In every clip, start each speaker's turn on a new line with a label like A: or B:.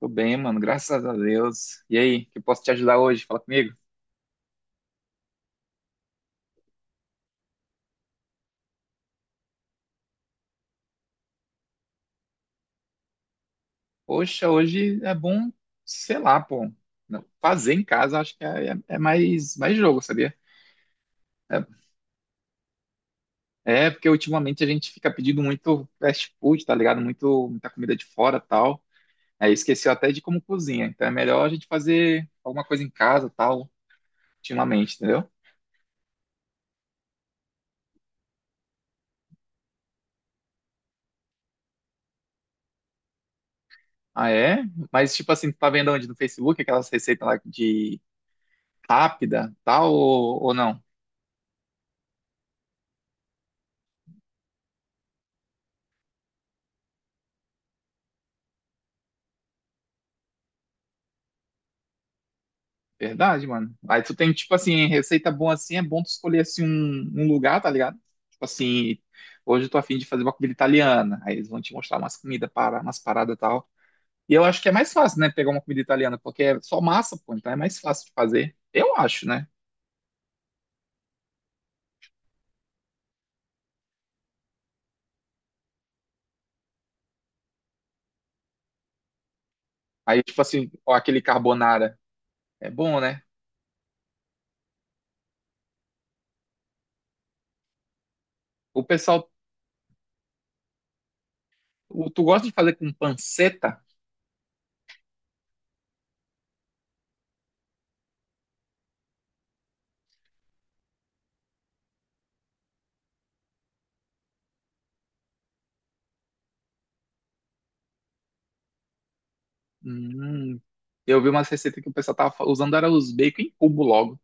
A: Tô bem, mano, graças a Deus. E aí, que eu posso te ajudar hoje? Fala comigo. Poxa, hoje é bom, sei lá, pô, não, fazer em casa acho que é mais, mais jogo, sabia? É, é porque ultimamente a gente fica pedindo muito fast food, tá ligado? Muito, muita comida de fora tal. Aí esqueceu até de como cozinha. Então é melhor a gente fazer alguma coisa em casa tal, ultimamente, entendeu? Ah, é? Mas tipo assim, tu tá vendo onde? No Facebook, aquelas receitas lá de rápida tal ou não? Verdade, mano. Aí tu tem, tipo assim, receita boa assim, é bom tu escolher assim um lugar, tá ligado? Tipo assim, hoje eu tô afim de fazer uma comida italiana. Aí eles vão te mostrar umas comidas, para, umas paradas e tal. E eu acho que é mais fácil, né, pegar uma comida italiana, porque é só massa, pô, então é mais fácil de fazer. Eu acho, né? Aí, tipo assim, ó, aquele carbonara. É bom, né? O pessoal, tu gosta de fazer com panceta? Hum, eu vi umas receitas que o pessoal tava usando, era os bacon em cubo logo.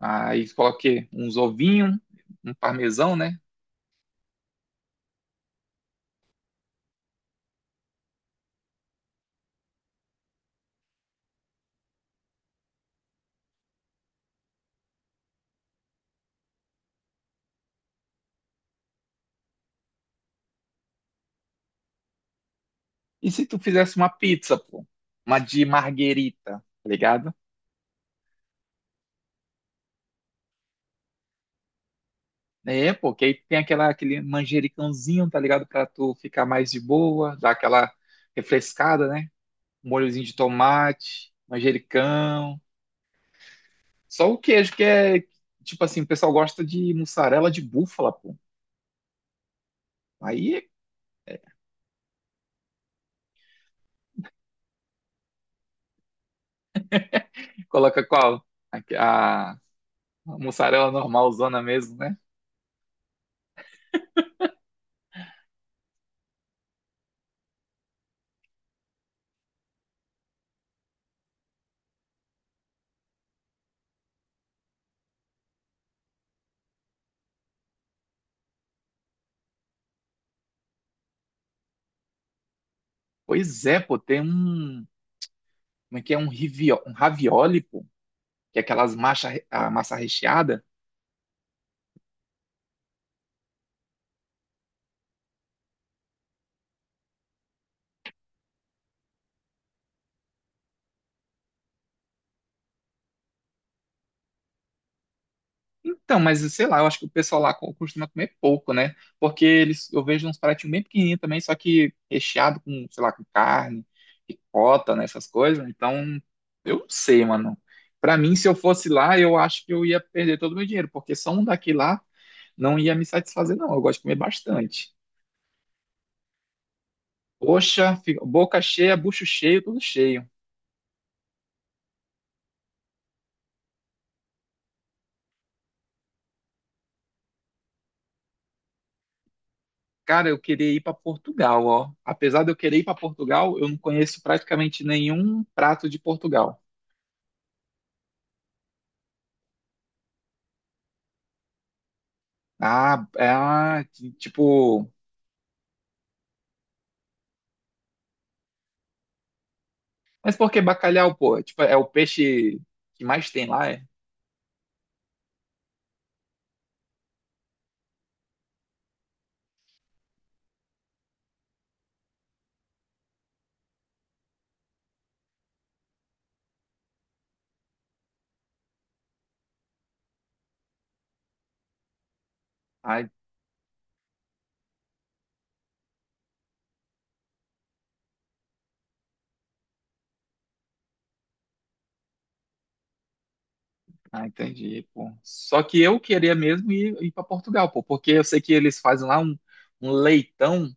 A: Aí coloquei uns ovinhos, um parmesão, né? E se tu fizesse uma pizza, pô? Uma de marguerita, tá ligado? É, pô, que aí tem aquela, aquele manjericãozinho, tá ligado? Pra tu ficar mais de boa, dar aquela refrescada, né? Um molhozinho de tomate, manjericão. Só o queijo que é, tipo assim, o pessoal gosta de mussarela de búfala, pô. Aí coloca qual? A, a mussarela normalzona mesmo, né? Pois é, pô, tem um como é que é um, rivio, um ravioli, pô? Que é aquelas massa, a massa recheada. Então, mas sei lá, eu acho que o pessoal lá costuma comer pouco, né? Porque eles, eu vejo uns pratinhos bem pequenininhos também, só que recheado com, sei lá, com carne, ricota, né? Essas coisas. Então, eu não sei, mano. Pra mim, se eu fosse lá, eu acho que eu ia perder todo o meu dinheiro, porque só um daqui lá não ia me satisfazer, não. Eu gosto de comer bastante. Poxa, boca cheia, bucho cheio, tudo cheio. Cara, eu queria ir para Portugal, ó. Apesar de eu querer ir para Portugal, eu não conheço praticamente nenhum prato de Portugal. Ah, é, ah, tipo. Mas por que bacalhau, pô? É, tipo, é o peixe que mais tem lá, é? Ah, ah, entendi, pô. Só que eu queria mesmo ir para Portugal, pô, porque eu sei que eles fazem lá um, um leitão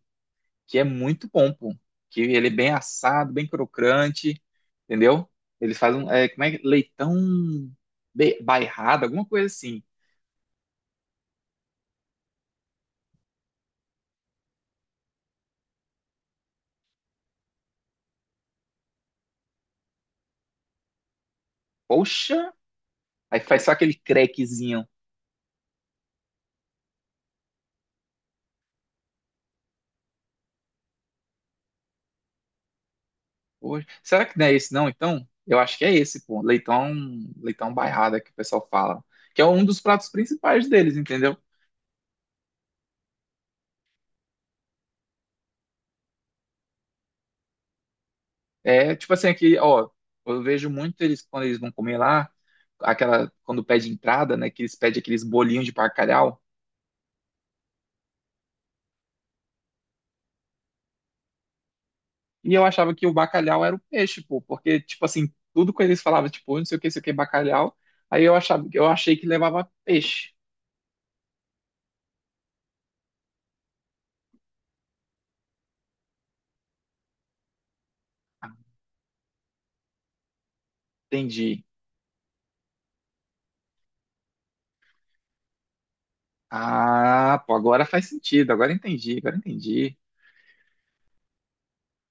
A: que é muito bom, pô. Que ele é bem assado, bem crocante, entendeu? Eles fazem um, é, leitão bairrado, alguma coisa assim. Poxa! Aí faz só aquele crequezinho. Poxa, será que não é esse não, então? Eu acho que é esse, pô. Leitão, leitão bairrada que o pessoal fala. Que é um dos pratos principais deles, entendeu? É tipo assim, aqui, ó, eu vejo muito eles quando eles vão comer lá, aquela, quando pede entrada, né? Que eles pedem aqueles bolinhos de bacalhau. E eu achava que o bacalhau era o peixe, pô, porque, tipo assim, tudo que eles falavam, tipo, não sei o que, não sei o que, bacalhau. Aí eu achava, eu achei que levava peixe. Ah, entendi. Ah, pô, agora faz sentido, agora entendi, agora entendi.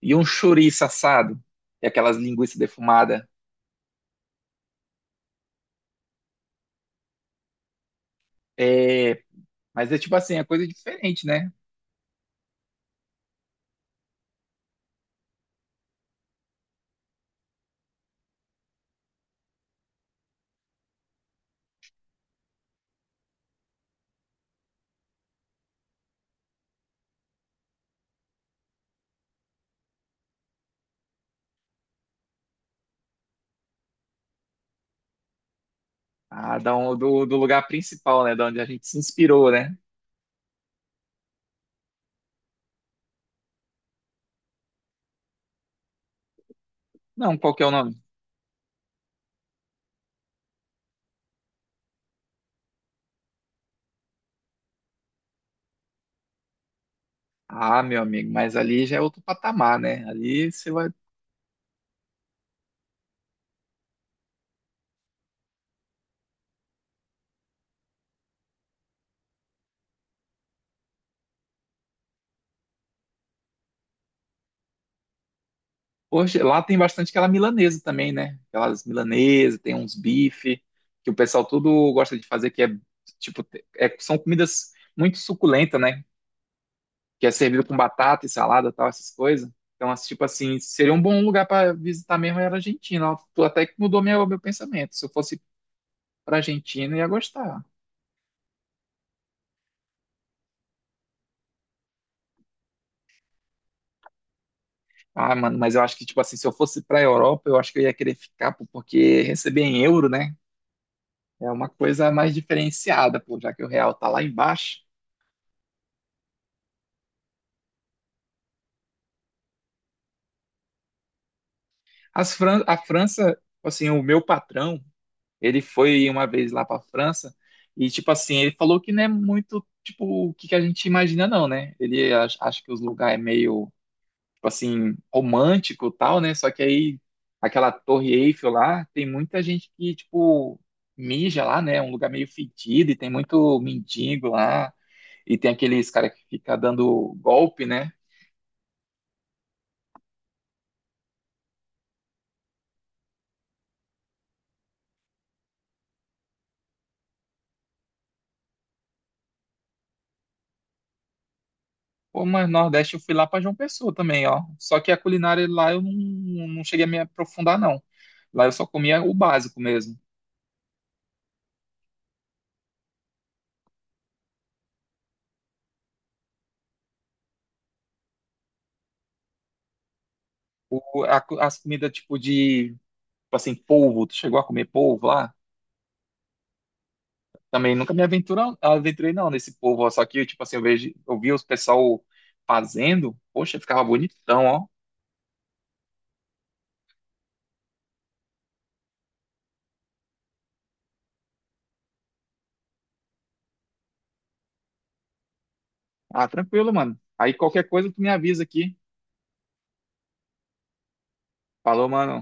A: E um chouriço assado, e aquelas linguiças defumadas. É, mas é tipo assim, é coisa diferente, né? Ah, da do, do lugar principal, né? Da onde a gente se inspirou, né? Não, qual que é o nome? Ah, meu amigo, mas ali já é outro patamar, né? Ali você vai. Poxa, lá tem bastante aquela milanesa também, né? Aquelas milanesas, tem uns bife, que o pessoal tudo gosta de fazer, que é tipo, são comidas muito suculentas, né? Que é servido com batata e salada, tal, essas coisas. Então, assim, tipo assim, seria um bom lugar para visitar mesmo era a Argentina. Tu até que mudou meu pensamento. Se eu fosse para Argentina, eu ia gostar. Ah, mano, mas eu acho que, tipo assim, se eu fosse pra Europa, eu acho que eu ia querer ficar, pô, porque receber em euro, né? É uma coisa mais diferenciada, pô, já que o real tá lá embaixo. As Fran a França, assim, o meu patrão, ele foi uma vez lá pra França e, tipo assim, ele falou que não é muito, tipo, o que que a gente imagina, não, né? Ele acha que os lugares é meio, tipo assim, romântico e tal, né? Só que aí, aquela Torre Eiffel lá, tem muita gente que, tipo, mija lá, né? É um lugar meio fedido e tem muito mendigo lá. E tem aqueles cara que fica dando golpe, né? Pô, mas no Nordeste eu fui lá pra João Pessoa também, ó. Só que a culinária lá eu não, não cheguei a me aprofundar, não. Lá eu só comia o básico mesmo. Tipo, as comidas tipo de, tipo assim, polvo, tu chegou a comer polvo lá? Também nunca me aventurei não nesse polvo, ó. Só que tipo assim, eu vejo, eu vi os pessoal fazendo, poxa, ficava bonitão, ó. Ah, tranquilo, mano. Aí qualquer coisa tu me avisa aqui. Falou, mano.